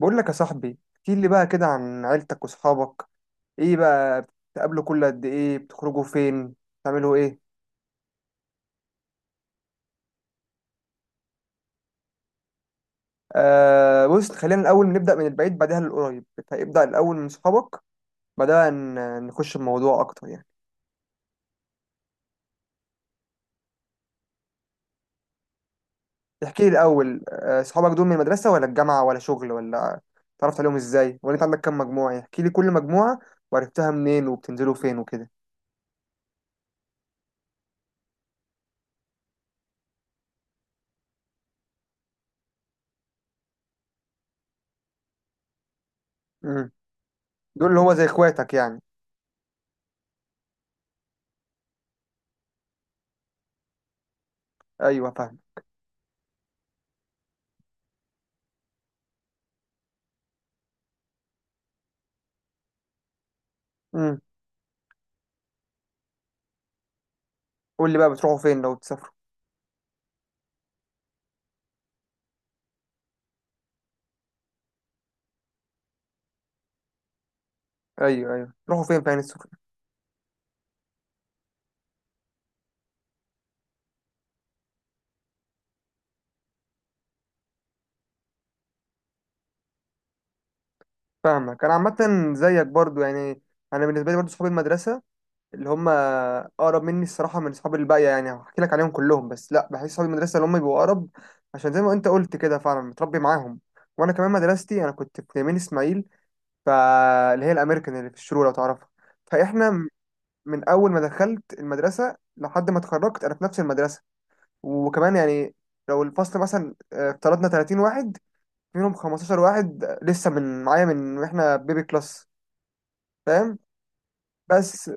بقول لك يا صاحبي، احكي لي بقى كده عن عيلتك واصحابك. ايه بقى، بتقابلوا كل قد ايه؟ بتخرجوا فين؟ بتعملوا ايه؟ آه، بص، خلينا الاول نبدا من البعيد بعدها للقريب. ابدا الاول من صحابك، بعدها نخش الموضوع اكتر يعني. احكي لي الاول، صحابك دول من المدرسه ولا الجامعه ولا شغل، ولا تعرفت عليهم ازاي، ولا انت عندك كام مجموعه يعني؟ احكي لي كل مجموعه وعرفتها منين وبتنزلوا فين وكده. امم. دول اللي هو زي اخواتك يعني؟ ايوه، فاهم. امم. قول لي بقى بتروحوا فين لو تسافروا. ايوه، ايوه، تروحوا فين في عين السخنه؟ فاهمك انا عامه، زيك برضو يعني. انا بالنسبه لي برضو صحاب المدرسه اللي هم اقرب مني الصراحه من صحاب الباقيه، يعني هحكي لك عليهم كلهم، بس لا، بحس صحاب المدرسه اللي هم بيبقوا اقرب. عشان زي ما انت قلت كده فعلا متربي معاهم. وانا كمان مدرستي، انا كنت في يمين اسماعيل، فاللي هي الامريكان اللي في الشروق لو تعرفها. فاحنا من اول ما دخلت المدرسه لحد ما اتخرجت انا في نفس المدرسه. وكمان يعني لو الفصل مثلا افترضنا 30 واحد، منهم 15 واحد لسه من معايا من واحنا بيبي كلاس. فاهم. بس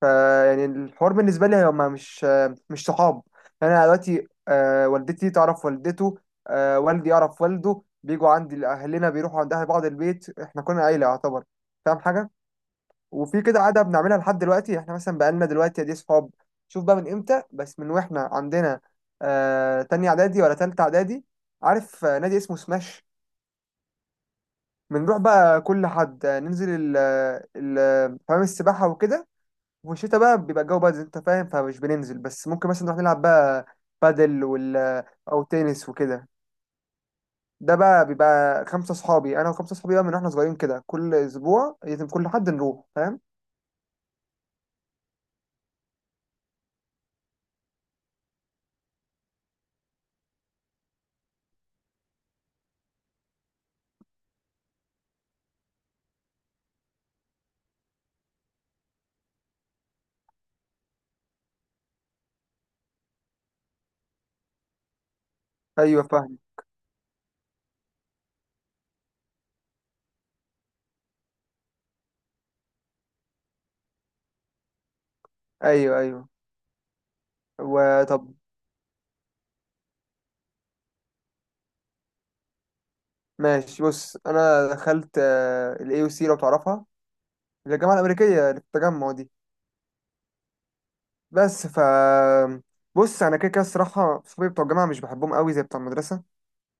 فا يعني الحوار بالنسبه لي هما مش صحاب. يعني انا دلوقتي والدتي تعرف والدته، والدي يعرف والده، بيجوا عندي، اهلنا بيروحوا عند اهل بعض، البيت احنا كنا عيله يعتبر. فاهم حاجه؟ وفي كده عاده بنعملها لحد دلوقتي، احنا مثلا بقالنا دلوقتي دي صحاب، شوف بقى من امتى، بس من واحنا عندنا تانية اعدادي ولا تالتة اعدادي. عارف نادي اسمه سماش؟ بنروح بقى كل حد، ننزل حمام السباحه وكده. والشتا بقى بيبقى الجو بقى زي انت فاهم، فمش بننزل. بس ممكن مثلا نروح نلعب بقى بادل او تنس وكده. ده بقى بيبقى خمسة صحابي، انا وخمسة صحابي بقى من واحنا صغيرين كده. كل اسبوع لازم كل حد نروح، فاهم. ايوه فاهم. ايوه، ايوه. وطب، ماشي بص، انا دخلت الاي او سي لو تعرفها، اللي هي الجامعه الامريكيه اللي في التجمع دي. بس بص، انا كده كده الصراحه صحابي بتوع الجامعه مش بحبهم قوي زي بتوع المدرسه.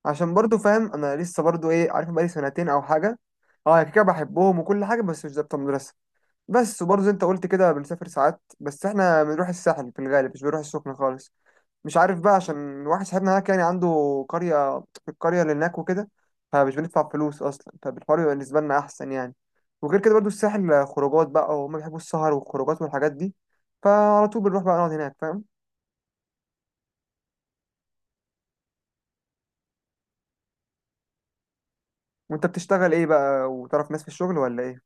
عشان برضو فاهم، انا لسه برضو ايه عارف، بقالي سنتين او حاجه. اه يعني كده بحبهم وكل حاجه، بس مش ضابطه مدرسه. بس وبرضو زي انت قلت كده، بنسافر ساعات، بس احنا بنروح الساحل في الغالب، مش بنروح السخنه خالص، مش عارف بقى. عشان واحد صاحبنا هناك يعني عنده قريه، في القريه اللي هناك وكده. فمش بندفع فلوس اصلا، فبالحوار يبقى بالنسبه لنا احسن يعني. وغير كده برضو الساحل خروجات بقى، وهم بيحبوا السهر والخروجات والحاجات دي، فعلى طول بنروح بقى نقعد هناك، فاهم. وانت بتشتغل ايه بقى؟ وتعرف ناس في الشغل ولا ايه؟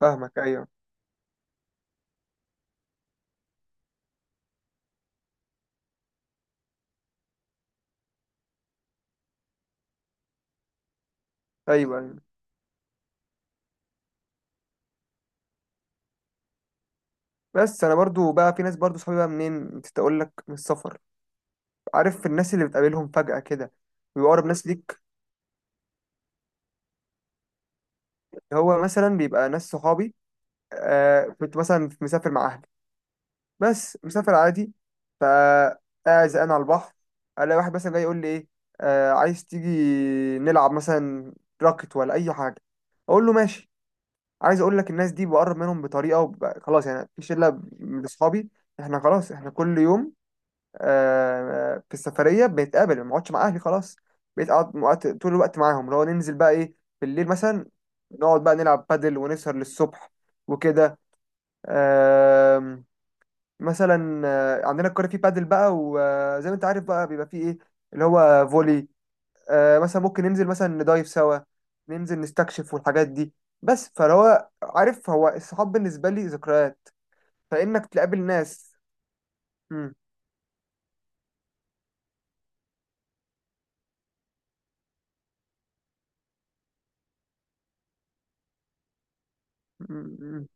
فاهمك، ايوه، ايوه. بس انا برضو بقى في ناس برضو صحابي بقى منين، نسيت اقول لك، من السفر. عارف الناس اللي بتقابلهم فجأة كده، بيبقى اقرب ناس ليك. هو مثلا بيبقى ناس صحابي. كنت مثلا مسافر مع اهلي، بس مسافر عادي، فقاعد زقان على البحر، الاقي واحد مثلا جاي يقول لي ايه، آه عايز تيجي نلعب مثلا راكت ولا اي حاجه، اقول له ماشي. عايز اقول لك الناس دي بقرب منهم بطريقه، خلاص يعني. في شله من اصحابي احنا خلاص، احنا كل يوم في السفريه بنتقابل، ما بقعدش مع اهلي خلاص. بقيت اقعد طول الوقت معاهم، اللي هو ننزل بقى ايه، بالليل مثلا نقعد بقى نلعب بادل ونسهر للصبح وكده. آم، مثلا عندنا الكوره فيه بادل بقى، وزي ما انت عارف بقى بيبقى فيه ايه، اللي هو فولي. مثلا ممكن ننزل مثلا ندايف سوا، ننزل نستكشف والحاجات دي. بس فهو عارف، هو الصحاب بالنسبه لي ذكريات، فانك تقابل ناس. مم.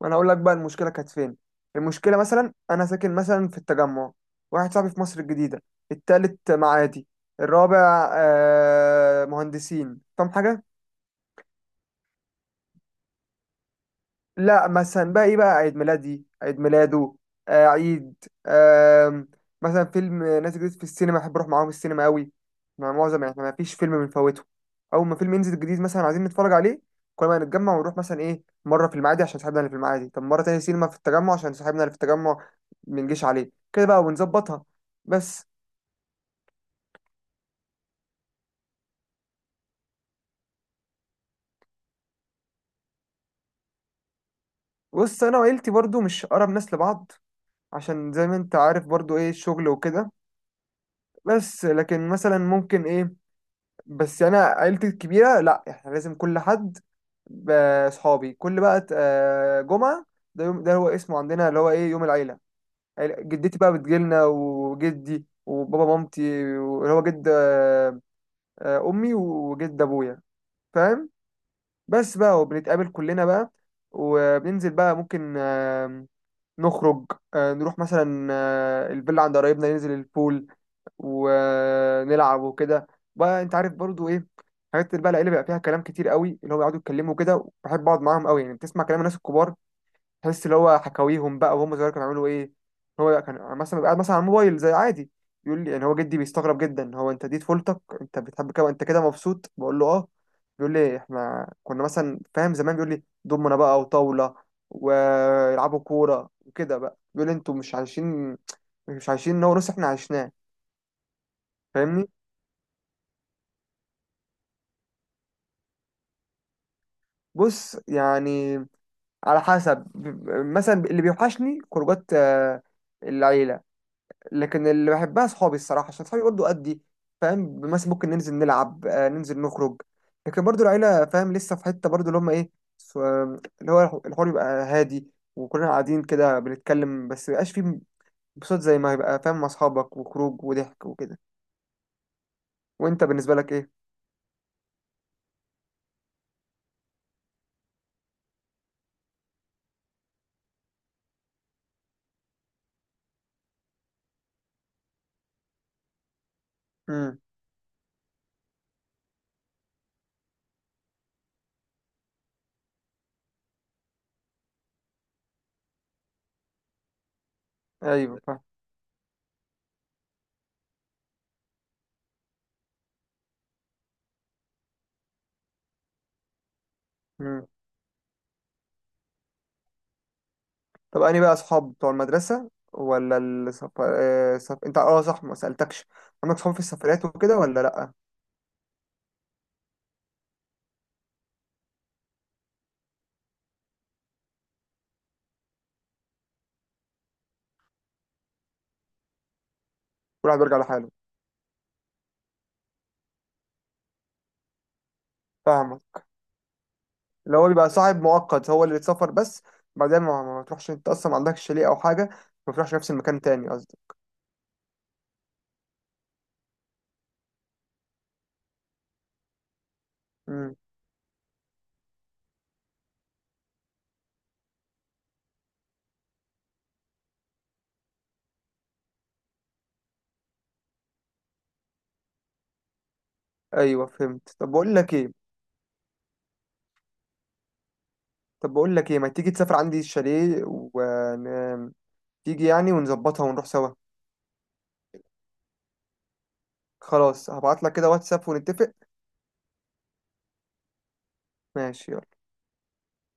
ما انا هقول لك بقى المشكله كانت فين. المشكله مثلا، انا ساكن مثلا في التجمع، واحد صاحبي في مصر الجديده، التالت معادي، الرابع مهندسين. فاهم حاجه؟ لا مثلا بقى ايه، بقى عيد ميلادي، عيد ميلاده، آه عيد آه مثلا فيلم نازل جديد في السينما، احب اروح معاهم السينما قوي. مع معظم احنا ما فيش فيلم بنفوته، اول ما فيلم ينزل جديد مثلا عايزين نتفرج عليه. كل ما نتجمع ونروح مثلا ايه، مره في المعادي عشان صاحبنا اللي في المعادي، طب مره تانية سينما في التجمع عشان صاحبنا اللي في التجمع. منجيش عليه كده بقى ونظبطها. بس. بص، انا وعيلتي برضو مش اقرب ناس لبعض، عشان زي ما انت عارف برضو ايه الشغل وكده. بس لكن مثلا ممكن ايه. بس يعني انا عيلتي الكبيره لا، احنا لازم كل حد ب- اصحابي كل بقى جمعه، ده يوم، ده هو اسمه عندنا اللي هو ايه يوم العيله. جدتي بقى بتجيلنا، وجدي، وبابا، مامتي، اللي هو جد امي وجد ابويا. فاهم؟ بس بقى، وبنتقابل كلنا بقى، وبننزل بقى ممكن نخرج، نروح مثلا الفيلا عند قرايبنا، ننزل البول ونلعب وكده بقى. انت عارف برضو ايه، حاجات بقى العيله بيبقى فيها كلام كتير قوي، اللي هو بيقعدوا يتكلموا كده. بحب اقعد معاهم قوي يعني، بتسمع كلام الناس الكبار، تحس اللي هو حكاويهم بقى وهم صغير كانوا بيعملوا ايه. هو كان مثلا بيبقى قاعد مثلا على الموبايل زي عادي، يقول لي يعني، هو جدي بيستغرب جدا، هو انت دي طفولتك؟ انت بتحب كده؟ انت كده مبسوط؟ بقول له اه. بيقول لي احنا كنا مثلا فاهم زمان، بيقول لي دومنا بقى وطاوله، ويلعبوا كوره وكده بقى، بيقول لي انتوا مش عايشين، مش عايشين نو نص احنا عشناه. فاهمني؟ بص يعني على حسب. مثلا اللي بيوحشني خروجات العيلة، لكن اللي بحبها صحابي الصراحة، عشان صحابي برضه قدي. فاهم، مثلا ممكن ننزل نلعب، ننزل نخرج. لكن برضه العيلة فاهم لسه في حتة برضه اللي هم ايه، اللي هو الحوار يبقى هادي، وكلنا قاعدين كده بنتكلم، بس ميبقاش فيه انبساط زي ما هيبقى فاهم مع أصحابك، وخروج وضحك وكده. وانت بالنسبة لك ايه؟ امم. ايوه، فاهم. طب أنهي بقى أصحاب بتوع المدرسة ولا أنت، أه صح، ما سألتكش عندك صحاب في السفريات وكده ولا لأ؟ كل واحد بيرجع لحاله. فاهمك. اللي هو بيبقى صاحب مؤقت هو اللي اتسافر بس. بعدين ما بتروحش، أنت أصلا ما عندكش شاليه أو حاجة، ما بتروحش نفس المكان تاني، قصدي. أمم. أيوه فهمت. طب بقول لك إيه، ما تيجي تسافر عندي الشاليه تيجي يعني، ونظبطها ونروح سوا. خلاص، هبعت لك كده واتساب ونتفق. ماشي.